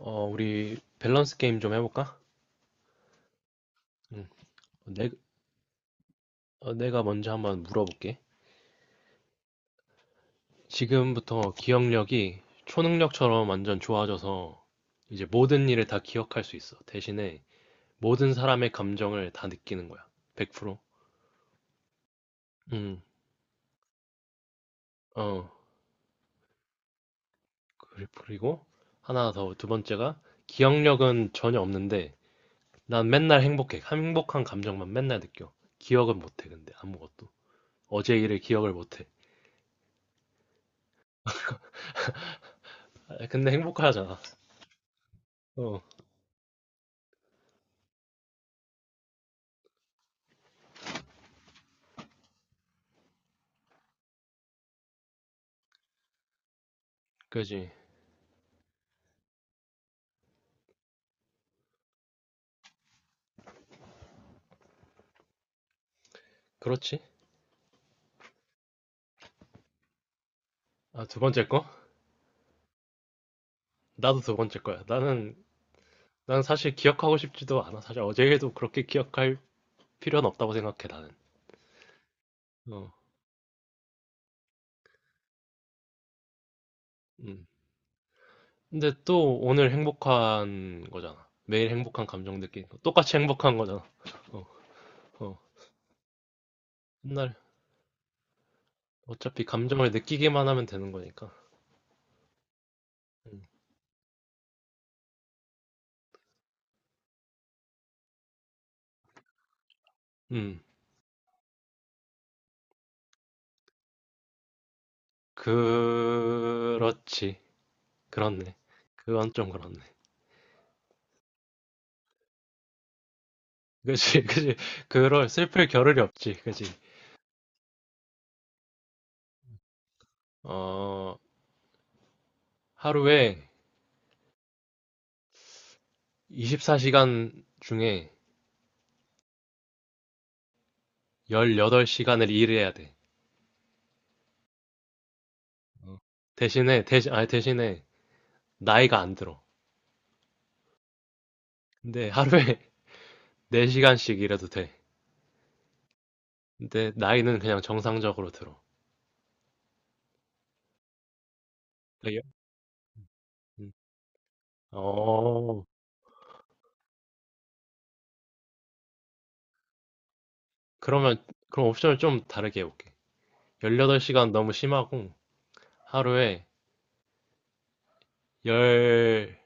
우리 밸런스 게임 좀 해볼까? 응. 어, 내, 내가 먼저 한번 물어볼게. 지금부터 기억력이 초능력처럼 완전 좋아져서 이제 모든 일을 다 기억할 수 있어. 대신에 모든 사람의 감정을 다 느끼는 거야. 100%. 응. 어, 그리고 하나 더, 두 번째가 기억력은 전혀 없는데 난 맨날 행복해. 행복한 감정만 맨날 느껴. 기억은 못해, 근데 아무것도. 어제 일을 기억을 못해. 아, 근데 행복하잖아. 어, 그지. 그렇지. 아, 두 번째 거? 나도 두 번째 거야. 난 사실 기억하고 싶지도 않아. 사실 어제에도 그렇게 기억할 필요는 없다고 생각해, 나는. 어, 음. 근데 또 오늘 행복한 거잖아. 매일 행복한 감정 느끼는 거. 똑같이 행복한 거잖아. 어, 어. 맨날 어차피 감정을 느끼기만 하면 되는 거니까. 음, 음. 그렇지. 그렇네. 그건 좀 그렇네. 그지, 그지. 그럴, 슬플 겨를이 없지. 그지. 어, 하루에 24시간 중에 18시간을 일 해야 돼. 어. 대신에, 대신, 아니, 대신에, 나이가 안 들어. 근데 하루에 4시간씩 일해도 돼. 근데 나이는 그냥 정상적으로 들어. 그래요. 음. 어, 그럼 옵션을 좀 다르게 해볼게. 18시간 너무 심하고, 하루에 14시간,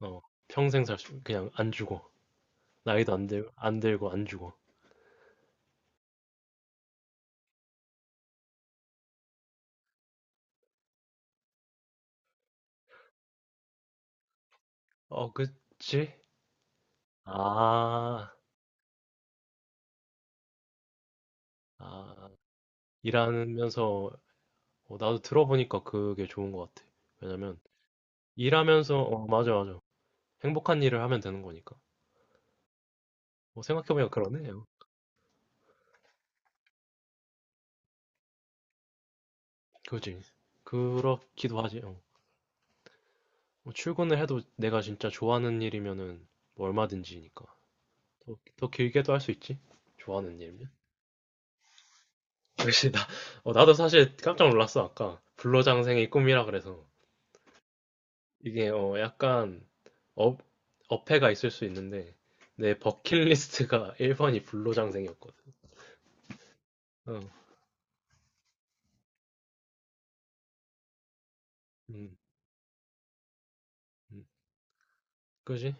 어, 그냥 안 주고, 나이도 안 들, 안 들고, 안 주고. 어, 그치? 아, 아. 일하면서 나도 들어보니까 그게 좋은 것 같아. 왜냐면 일하면서, 맞아, 맞아, 행복한 일을 하면 되는 거니까. 생각해보니까 그러네요. 그지? 그렇기도 하지. 어. 뭐 출근을 해도 내가 진짜 좋아하는 일이면은 뭐 얼마든지니까 더 길게도 할 수 있지. 좋아하는 일면. 역시 나. 나도 사실 깜짝 놀랐어. 아까 불로장생의 꿈이라 그래서 이게, 약간, 업, 어폐가 있을 수 있는데 내 버킷리스트가 1번이 불로장생이었거든. 어, 음, 음, 그지?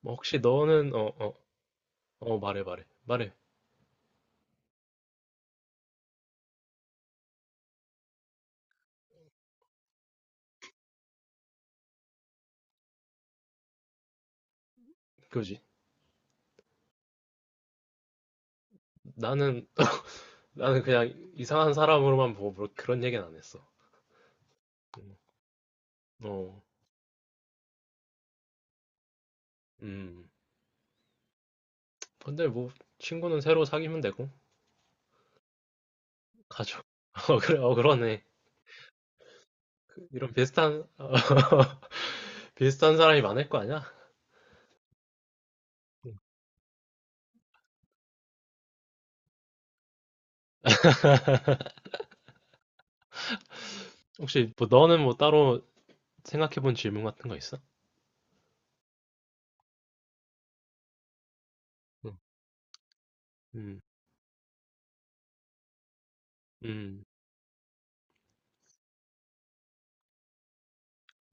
뭐 혹시 너는, 말해, 말해, 말해. 그지? 나는 나는 그냥 이상한 사람으로만 보고 뭐 그런 얘기는 안 했어. 음, 어, 음. 근데 뭐 친구는 새로 사귀면 되고 가족, 어 그래, 어 그러네. 그 이런 비슷한 비슷한 사람이 많을 거 아니야? 음. 혹시 뭐 너는 뭐 따로 생각해본 질문 같은 거 있어? 응. 음, 음,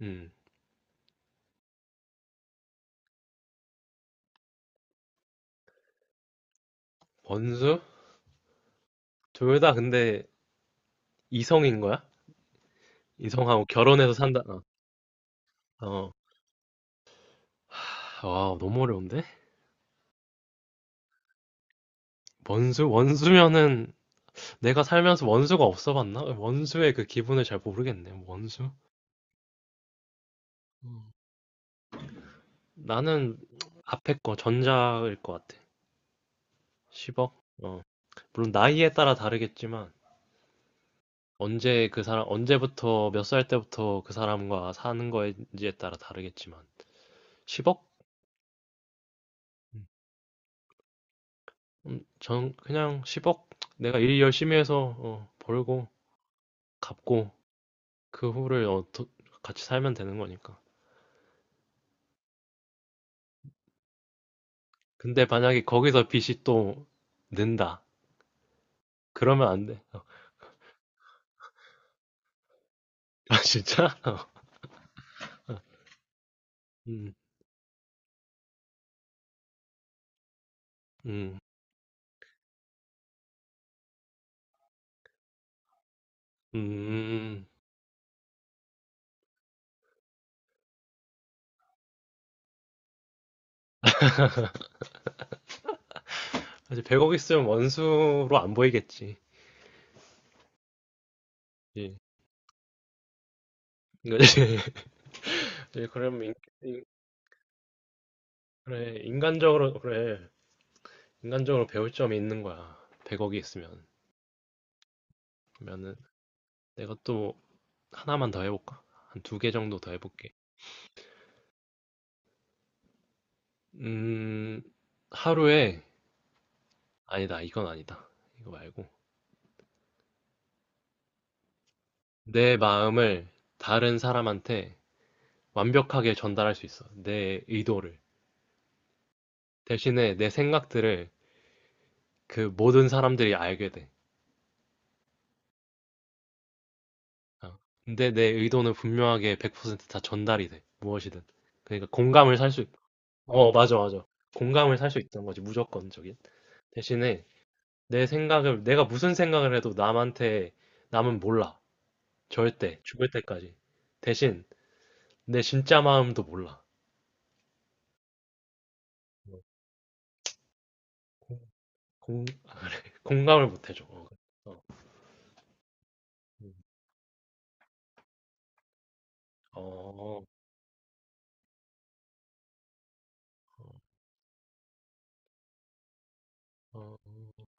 음. 번수? 둘 다 근데 이성인 거야? 이성하고 결혼해서 산다. 어. 어. 하, 와, 너무 어려운데? 원수면은 내가 살면서 원수가 없어 봤나? 원수의 그 기분을 잘 모르겠네. 원수? 음. 나는 앞에 거 전자일 것 같아. 10억? 어. 물론 나이에 따라 다르겠지만 언제부터 몇 살 때부터 그 사람과 사는 거인지에 따라 다르겠지만 10억? 전 그냥 10억, 내가 일 열심히 해서, 벌고 갚고 그 후를 같이 살면 되는 거니까. 근데 만약에 거기서 빚이 또 는다. 그러면 안 돼. 어. 아, 진짜? 어. 음, 음, 음. 음, 음. 사실 100억 있으면 원수로 안 보이겠지. 예. 그지? 예, 인- 그래, 인간적으로, 그래. 인간적으로 배울 점이 있는 거야. 100억이 있으면. 그러면은 내가 또 하나만 더 해볼까? 한 두 개 정도 더 해볼게. 음, 하루에, 이건 아니다. 이거 말고. 내 마음을 다른 사람한테 완벽하게 전달할 수 있어. 내 의도를. 대신에 내 생각들을 그 모든 사람들이 알게 돼. 어. 근데 내 의도는 분명하게 100%다 전달이 돼. 무엇이든. 그러니까 공감을 살 수, 있... 어, 맞아, 맞아. 공감을 살 수 있다는 거지, 무조건적인. 대신에 내가 무슨 생각을 해도 남한테, 남은 몰라. 절대. 죽을 때까지. 대신 내 진짜 마음도 몰라. 어, 공, 공, 공감을 못 해줘. 어. 어. 음. 어, 어, 어. 어.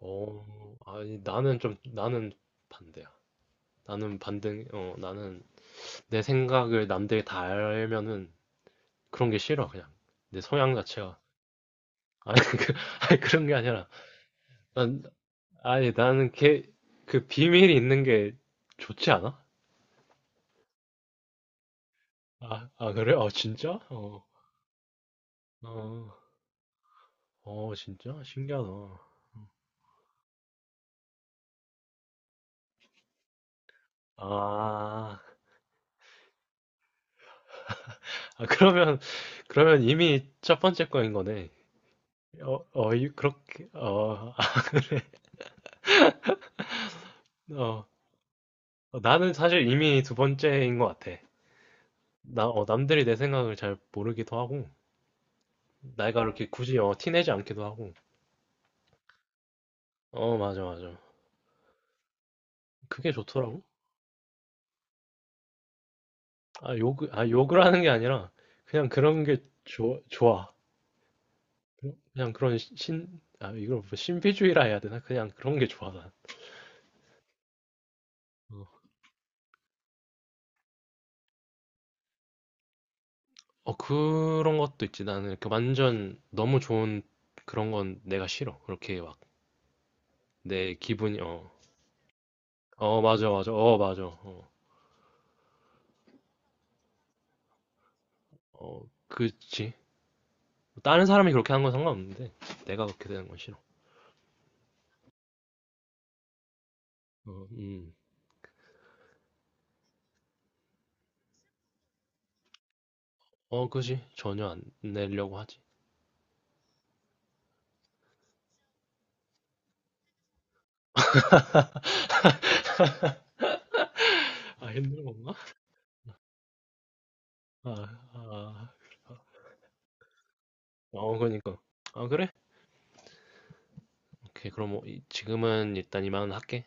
아니, 나는 반대야. 나는 내 생각을 남들이 다 알면은 그런 게 싫어, 그냥. 내 성향 자체가. 아니, 그, 아니, 그런 게 아니라. 난, 아니, 나는 걔, 그 비밀이 있는 게 좋지 않아? 아, 아, 그래? 어, 진짜? 어, 어, 어, 진짜? 신기하다. 아, 아, 그러면, 이미 첫 번째 거인 거네. 어, 어, 이- 그렇게, 어, 어. 나는 사실 이미 두 번째인 것 같아. 남들이 내 생각을 잘 모르기도 하고, 내가 이렇게 굳이 티내지 않기도 하고. 어, 맞아, 맞아. 그게 좋더라고. 아, 아, 욕을 하는 게 아니라, 그냥 그런 게 좋아, 좋아. 그냥 그런 시- 신, 아, 이걸 뭐 신비주의라 해야 되나? 그냥 그런 게 좋아, 난. 어, 어, 그런 것도 있지. 나는 이렇게 완전 너무 좋은 그런 건 내가 싫어. 그렇게 막, 내 기분이, 어, 어, 맞아, 맞아, 어, 맞아, 어, 어, 그치. 뭐 다른 사람이 그렇게 하는 건 상관없는데 내가 그렇게 되는 건 싫어. 어, 어, 그지. 전혀 안 내려고 하지. 아, 힘든 건가? 아, 아. 어, 그러니까. 아, 그래? 오케이. 그럼 뭐 이- 지금은 일단 이만 할게.